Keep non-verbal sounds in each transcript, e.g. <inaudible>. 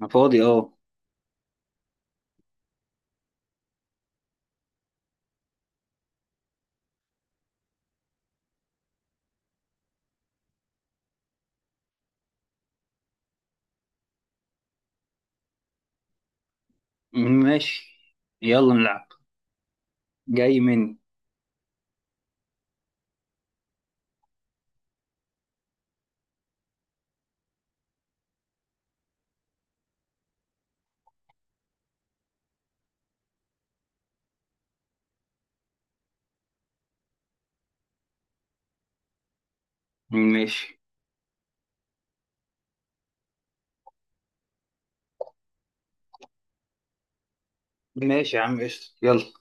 أنا فاضي، أه. ماشي، يلا نلعب. جاي مني. ماشي، ماشي يا عم، قشطة، يلا.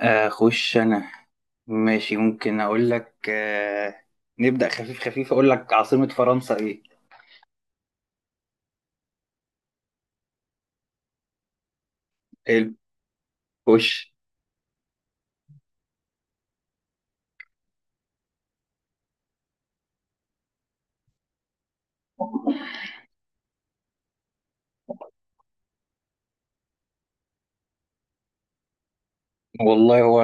أخش أنا. ماشي، ممكن أقول لك، نبدأ خفيف خفيف. أقول لك عاصمة فرنسا إيه؟ حلو، خش. والله، هو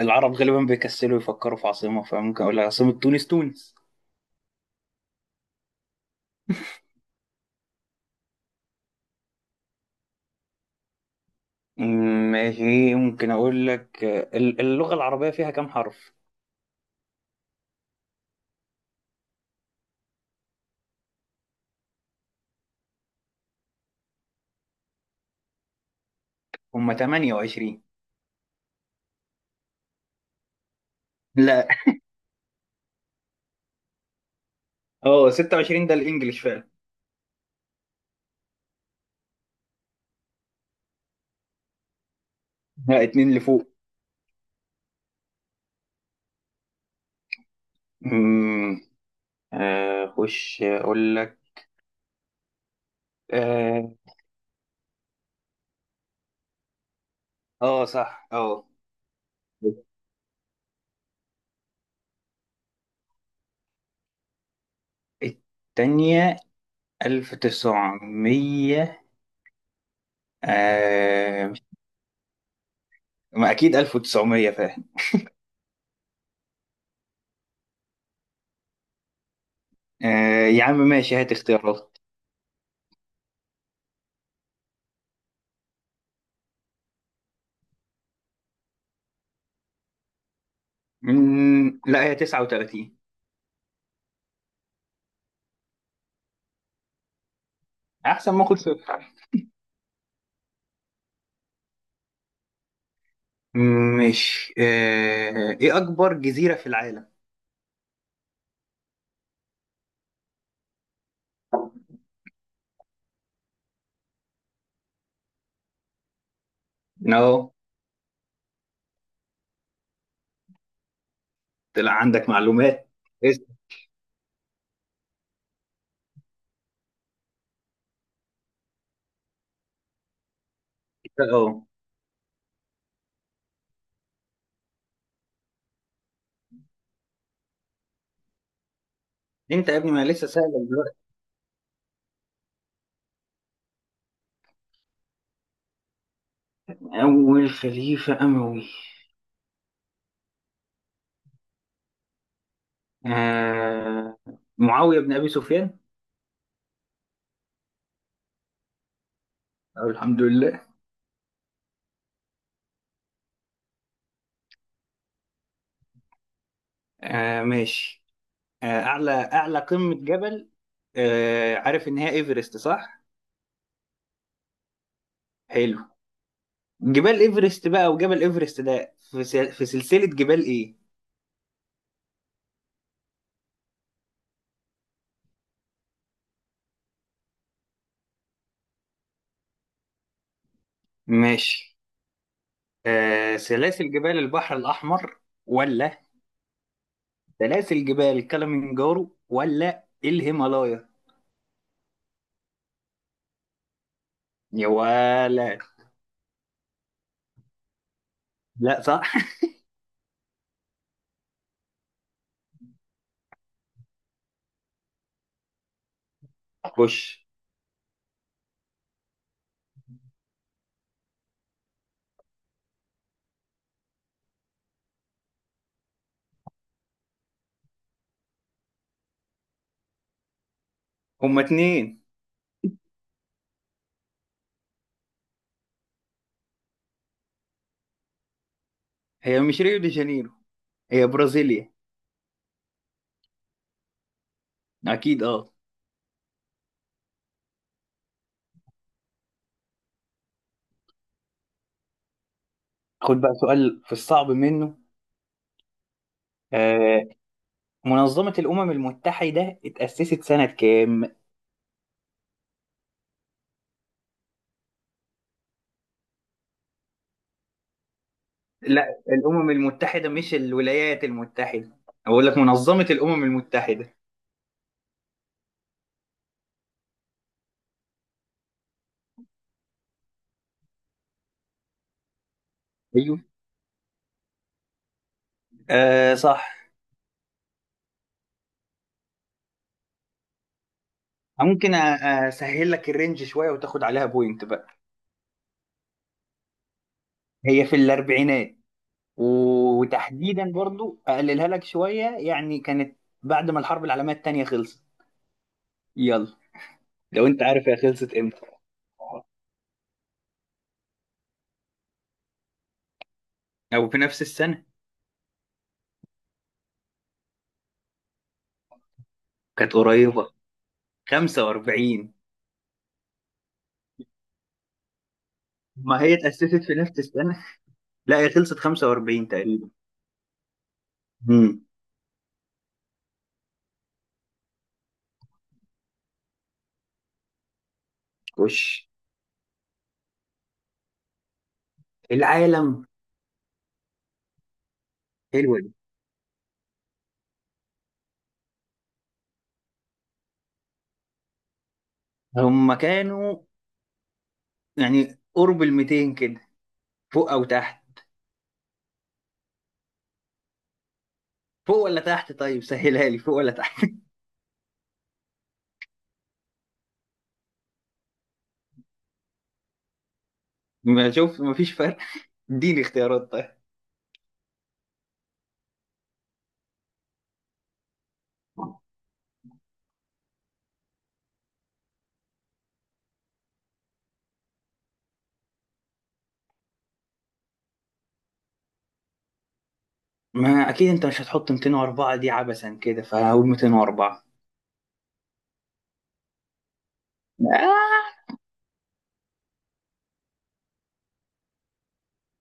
العرب غالبا بيكسلوا يفكروا في عاصمة، فممكن أقول لك عاصمة تونس تونس. ماشي، ممكن أقول لك، اللغة العربية فيها كام حرف؟ هما 28. لا، اه، 26 ده الإنجليش فعلا. لا، اتنين لفوق. امم. خش اقول لك. اه. آه، صح، اه. التانية. 1900. آه، ما أكيد 1900 فاهم. آه يا عم، ماشي، هات اختيارات. لا هي 39. أحسن ما أخد صفر. مش آه إيه أكبر جزيرة في العالم؟ أهو. طلع عندك معلومات. اسأل. أهو. أنت يا ابني، ما لسه سائل دلوقتي. أول خليفة أموي. آه. معاوية بن أبي سفيان. أو الحمد لله. آه، ماشي. آه، أعلى قمة جبل. آه، عارف إن هي إيفرست صح؟ حلو. جبال إيفرست بقى، وجبل إيفرست ده في سلسلة جبال إيه؟ ماشي. آه، سلاسل جبال البحر الأحمر؟ ولا سلاسل جبال كلمنجارو؟ ولا الهيمالايا؟ يا ولا. لا، صح. خش. هما اتنين. هي مش ريو دي جانيرو؟ هي برازيليا. أكيد، أه. خد بقى سؤال في الصعب منه. آه، منظمة الأمم المتحدة اتأسست سنة كام؟ لا، الأمم المتحدة، مش الولايات المتحدة. أقول لك منظمة الأمم المتحدة. ايوه. آه، صح. ممكن أسهل لك الرينج شوية، وتاخد عليها بوينت بقى. هي في الأربعينات. وتحديدا برضو أقللها لك شوية، يعني كانت بعد ما الحرب العالمية التانية خلصت. يلا. لو أنت عارف هي خلصت إمتى. أو في نفس السنة. كانت قريبة. 45. ما هي اتأسست في نفس السنة. لا، هي خلصت 45 تقريبا. امم. خش. العالم. حلوة دي. هم كانوا، يعني، قرب ال 200 كده. فوق أو تحت. فوق ولا تحت؟ طيب، سهلها لي، فوق ولا تحت. <laughs> ما شوف، ما فيش فرق. اديني اختيارات طيب. ما أكيد أنت مش هتحط 204 دي عبثا كده، فهقول 204. آه.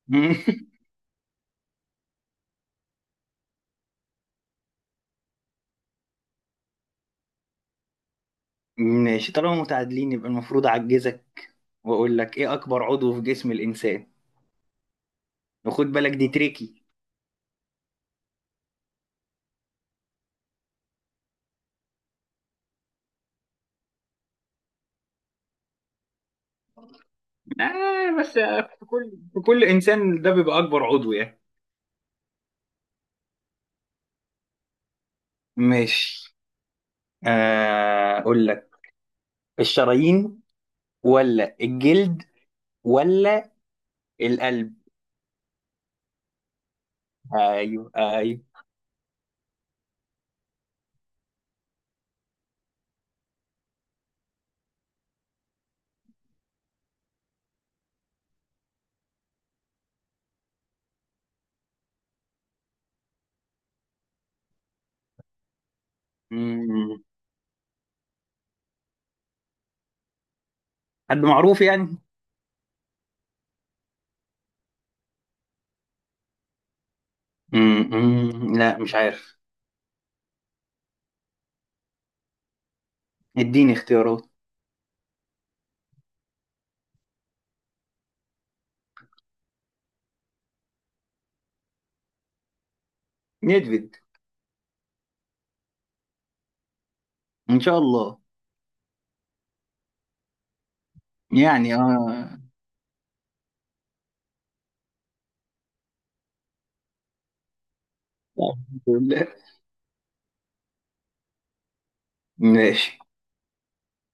<laughs> ماشي، طالما متعادلين يبقى المفروض أعجزك، وأقول لك، إيه أكبر عضو في جسم الإنسان؟ وخد بالك، دي تريكي. آه بس. في كل انسان ده بيبقى اكبر عضو يعني. ماشي. اقول لك الشرايين، ولا الجلد، ولا القلب. ايوه، ايوه. مم. حد معروف يعني. لا، مش عارف. اديني اختيارات. نكذب. ان شاء الله. يعني اه، لا. الحمد لله. ماشي.